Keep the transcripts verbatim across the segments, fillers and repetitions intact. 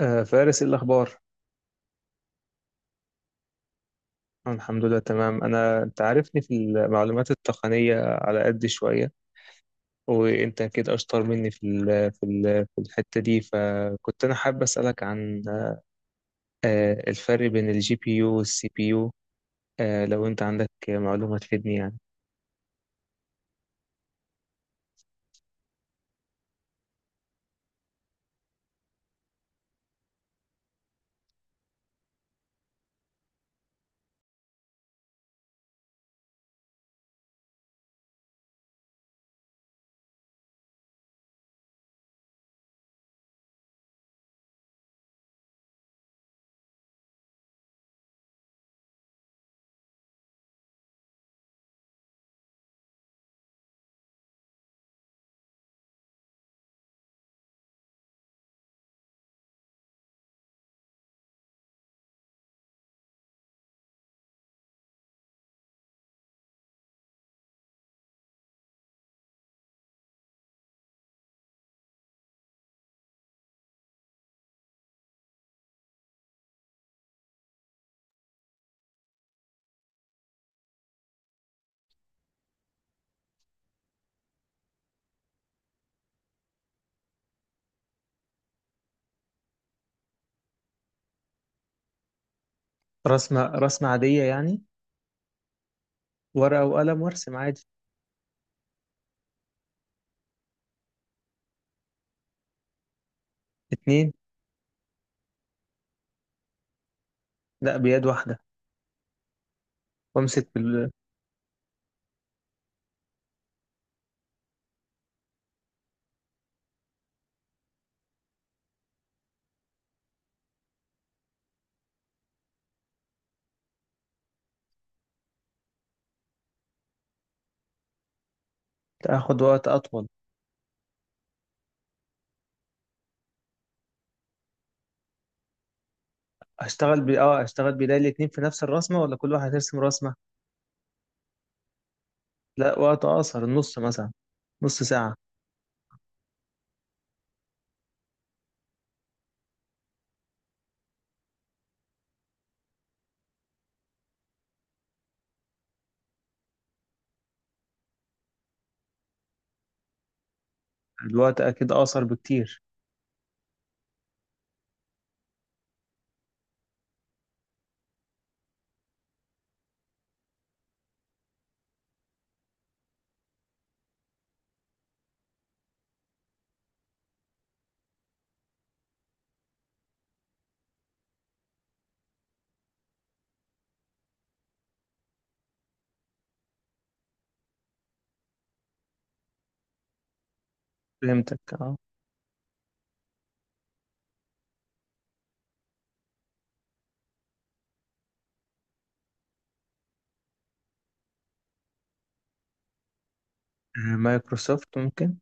آه، فارس إيه الأخبار؟ أنا الحمد لله تمام، أنا أنت عارفني في المعلومات التقنية على قد شوية، وأنت أكيد أشطر مني في ال في ال في الحتة دي، فكنت أنا حابب أسألك عن آه، الفرق بين الجي بي يو والسي بي يو. آه، لو أنت عندك معلومة تفيدني يعني. رسمة رسمة عادية يعني، ورقة وقلم وأرسم عادي. اتنين. لا، بيد واحدة. وأمسك بال... تاخد وقت أطول. أشتغل ب... أه، أشتغل بداية الاتنين في نفس الرسمة ولا كل واحد يرسم رسمة؟ لا، وقت اقصر، النص مثلا، نص ساعة. الوقت اكيد اقصر بكتير. فهمتك، اه. آه، مايكروسوفت ممكن.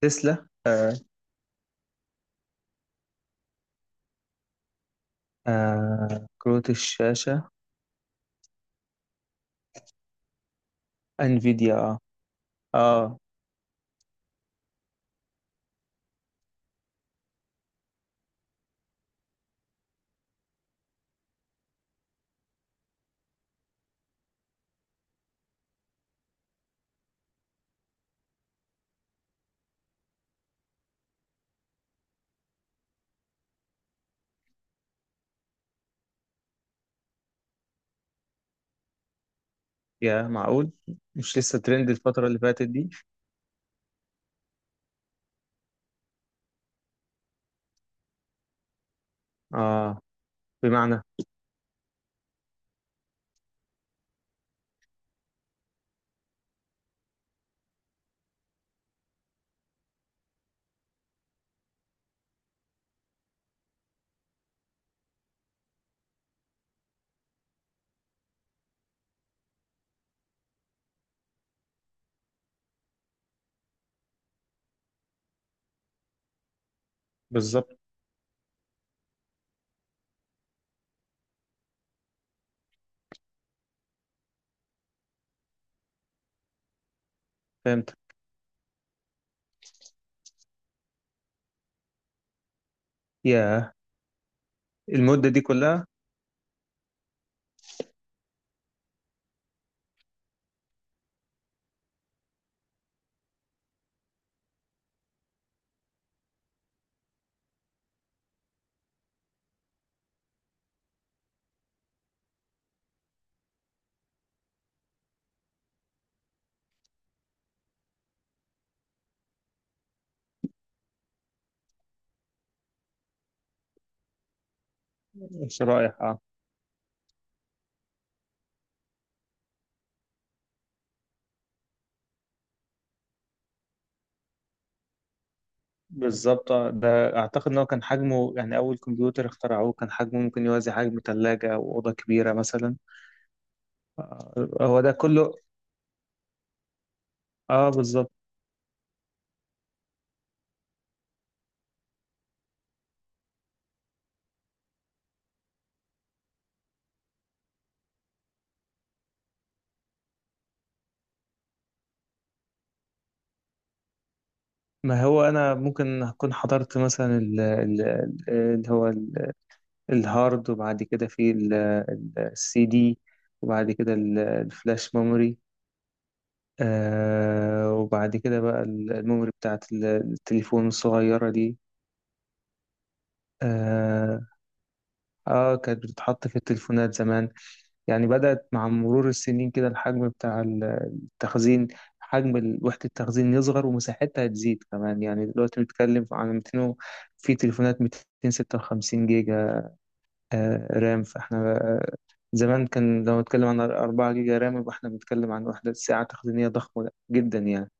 تسلا آه. آه، كروت الشاشة. انفيديا، اه. اه. يا معقول، مش لسه ترند الفترة اللي فاتت دي؟ اه. بمعنى. بالظبط. فهمت. يا، المدة دي كلها. شرائح، اه. بالظبط آه، ده اعتقد ان هو كان حجمه يعني اول كمبيوتر اخترعوه كان حجمه ممكن يوازي حجم ثلاجة او اوضة كبيرة مثلا. آه، هو ده كله. اه بالظبط. ما هو انا ممكن اكون حضرت مثلا ال- ال- ال- اللي هو ال- الهارد، وبعد كده في ال- ال- السي دي، وبعد كده ال- الفلاش ميموري، آه وبعد كده بقى ال- الميموري بتاعت ال- التليفون الصغيرة دي. اه. آه، كانت بتتحط في التليفونات زمان. يعني بدأت مع مرور السنين كده، الحجم بتاع التخزين، حجم ال- وحدة التخزين يصغر، ومساحتها هتزيد كمان. يعني دلوقتي بنتكلم عن مئتين و- في تليفونات ميتين وستة وخمسين جيجا. آه، رام. فاحنا آه، زمان كان لو نتكلم عن أربعة جيجا رام يبقى احنا بنتكلم عن وحدة ساعة تخزينية ضخمة جدا يعني.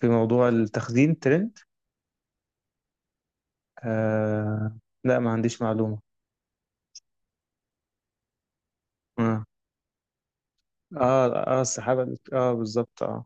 في موضوع التخزين ترند. آه، لا ما عنديش معلومة. اه. اه، آه السحابة، اه بالظبط اه.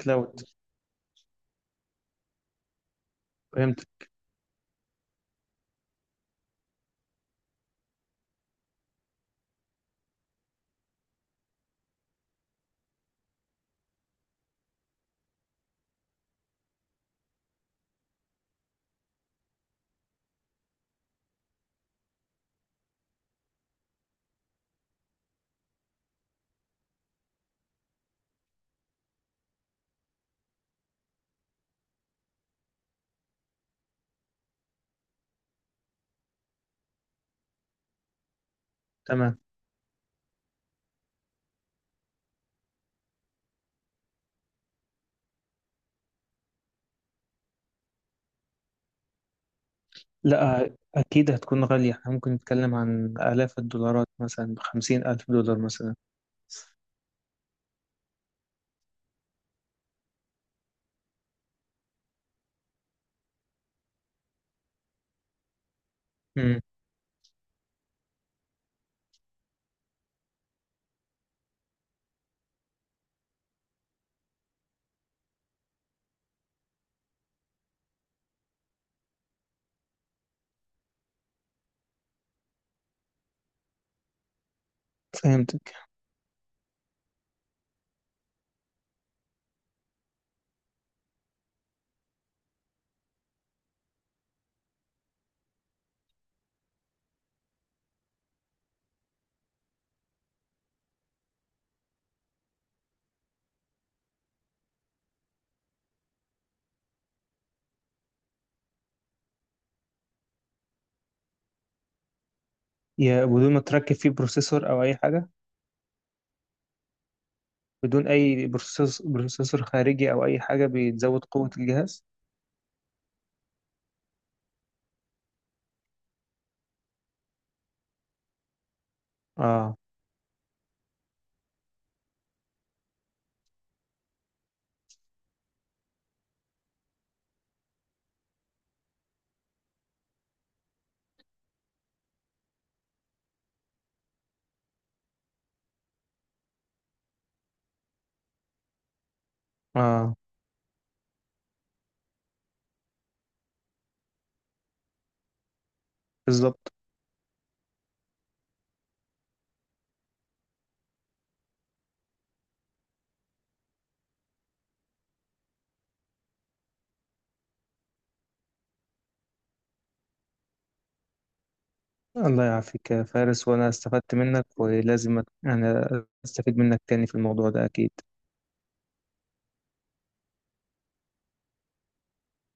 كلاود. فهمت. تمام. لا، أكيد هتكون غالية، احنا ممكن نتكلم عن آلاف الدولارات مثلا، بخمسين ألف دولار مثلا. امم. فهمتك. يا، بدون ما تركب فيه بروسيسور أو أي حاجة؟ بدون أي بروسيسور، بروسيسور خارجي أو أي حاجة بتزود قوة الجهاز؟ اه. اه بالظبط. الله يعافيك يا فارس، وأنا استفدت منك، ولازم أت- أنا أستفيد منك تاني في الموضوع ده أكيد.